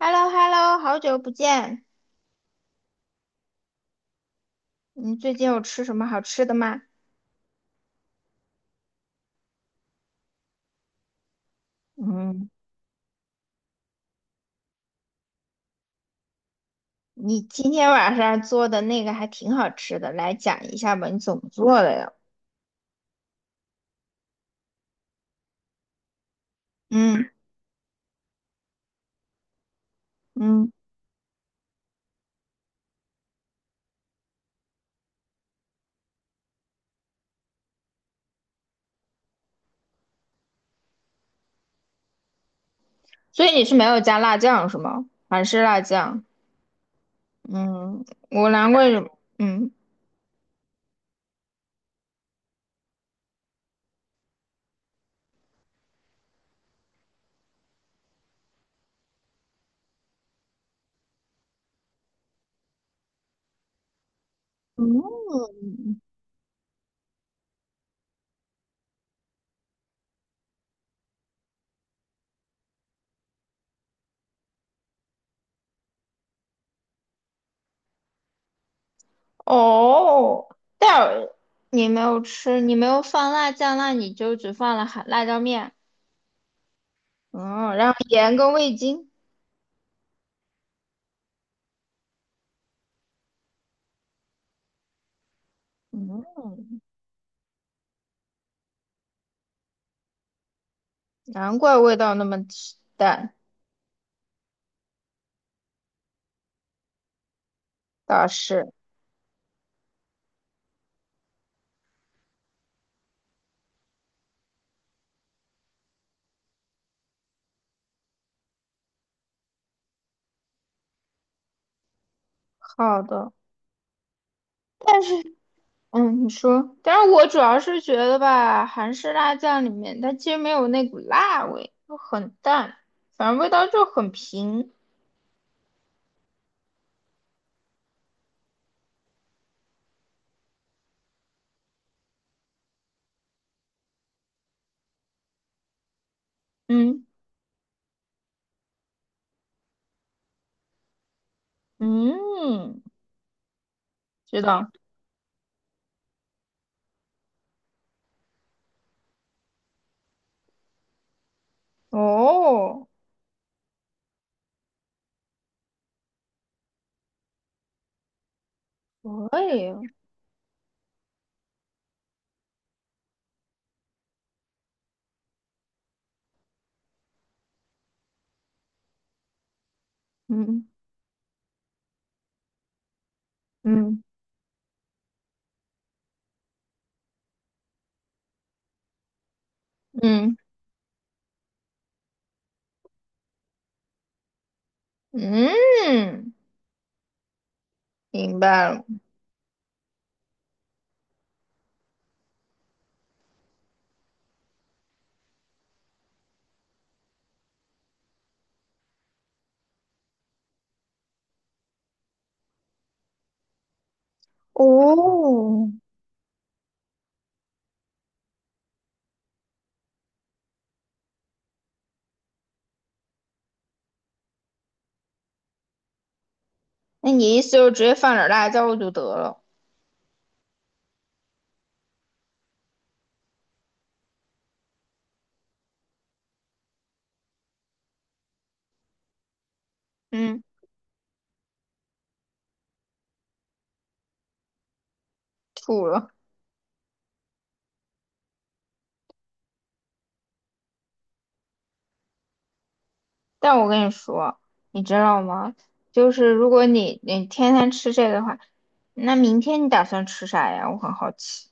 h e l l o hello 好久不见，你最近有吃什么好吃的吗？嗯，你今天晚上做的那个还挺好吃的，来讲一下吧，你怎么做的呀？嗯嗯，所以你是没有加辣酱是吗？还是辣酱，嗯，我难怪什么嗯嗯，哦，但你没有吃，你没有放辣酱，那你就只放了韩辣椒面，嗯，然后盐跟味精，嗯。难怪味道那么淡，倒是好的。嗯，你说，但是我主要是觉得吧，韩式辣酱里面它其实没有那股辣味，就很淡，反正味道就很平。嗯嗯，知道哦，可以，嗯嗯嗯嗯，明白了。哦，那你意思就是直接放点辣椒就得了？嗯，吐了。但我跟你说，你知道吗？就是如果你天天吃这个的话，那明天你打算吃啥呀？我很好奇。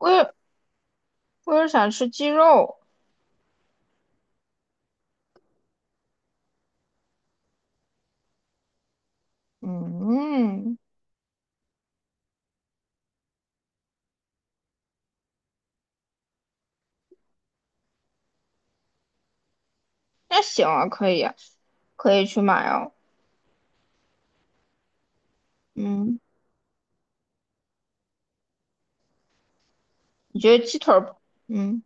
我也我也想吃鸡肉。嗯，那行啊，可以啊，可以去买哦。嗯，你觉得鸡腿儿？嗯，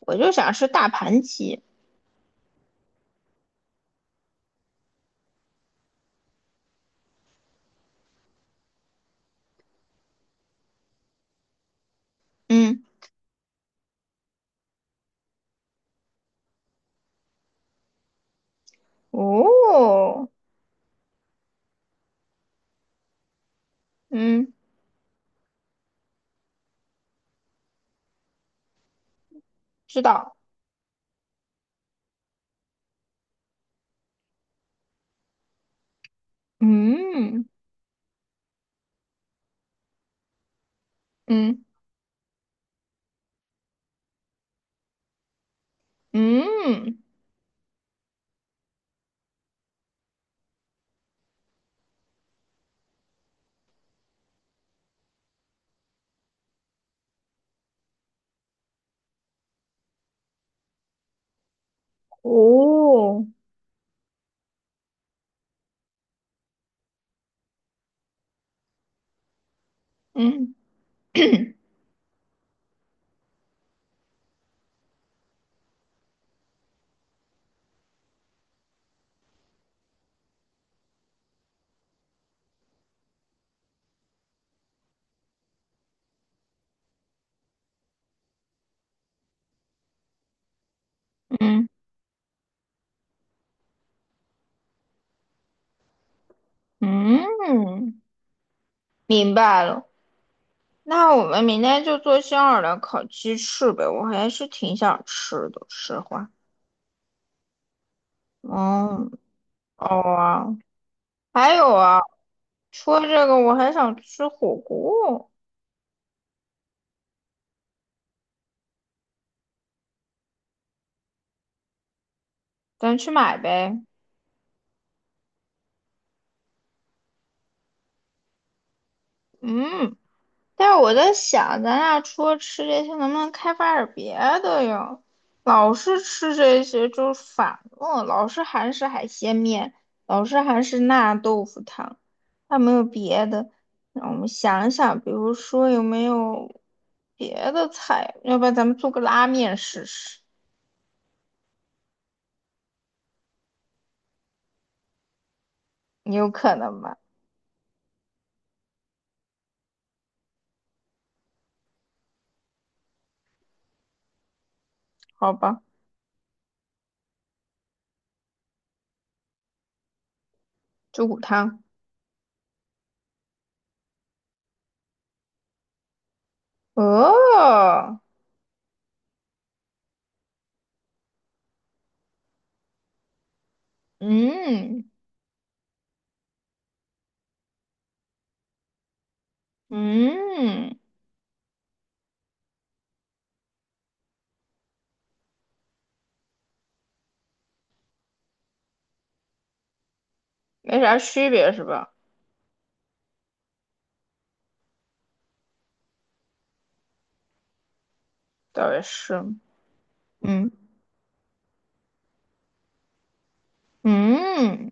我就想吃大盘鸡。嗯，哦，嗯，知道。嗯嗯嗯，哦，嗯嗯嗯。明白了。那我们明天就做香尔的烤鸡翅呗，我还是挺想吃的，实话。嗯，哦啊，还有啊，除了这个，我还想吃火锅，咱去买呗。嗯。但是我在想，咱俩除了吃这些，能不能开发点别的呀？老是吃这些就是反了，老是韩式海鲜面，老是韩式辣豆腐汤，还没有别的。让我们想一想，比如说有没有别的菜？要不然咱们做个拉面试试，有可能吧？好吧，猪骨汤。哦，嗯嗯，没啥区别是吧？倒也是，嗯。嗯，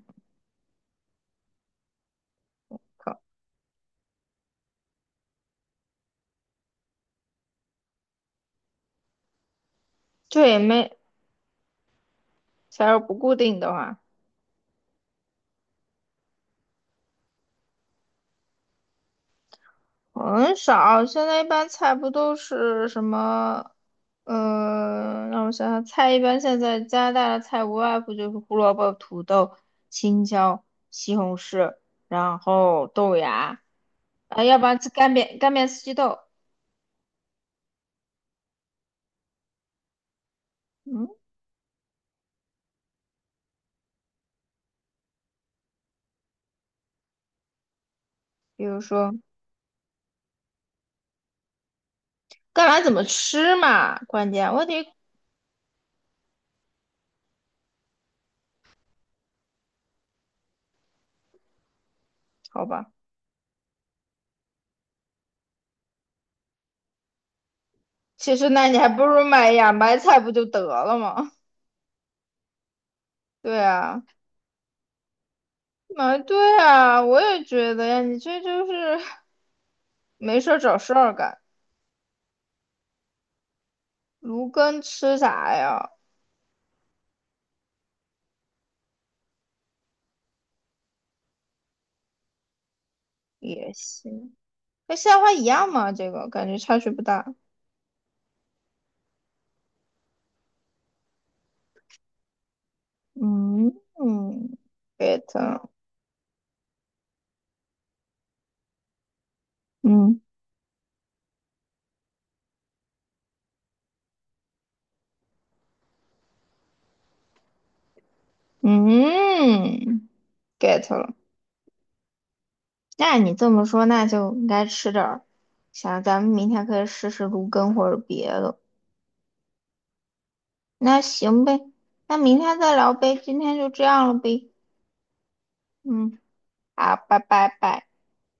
对，没，假如不固定的话，很少。现在一般菜不都是什么？让我想想，菜一般现在加拿大的菜无外乎就是胡萝卜、土豆、青椒、西红柿，然后豆芽，啊，要不然吃干煸四季豆。嗯，比如说干嘛怎么吃嘛，关键问题好吧。其实那你还不如买芽白菜不就得了吗？对啊。啊，对啊，我也觉得呀，你这就是没事儿找事儿干。芦根吃啥呀？也行，和西兰花一样嘛，这个感觉差距不大。嗯嗯，get 了，嗯嗯，get 了。那你这么说，那就应该吃点儿。想咱们明天可以试试芦根或者别的。那行呗，那明天再聊呗，今天就这样了呗。嗯，好，拜拜拜。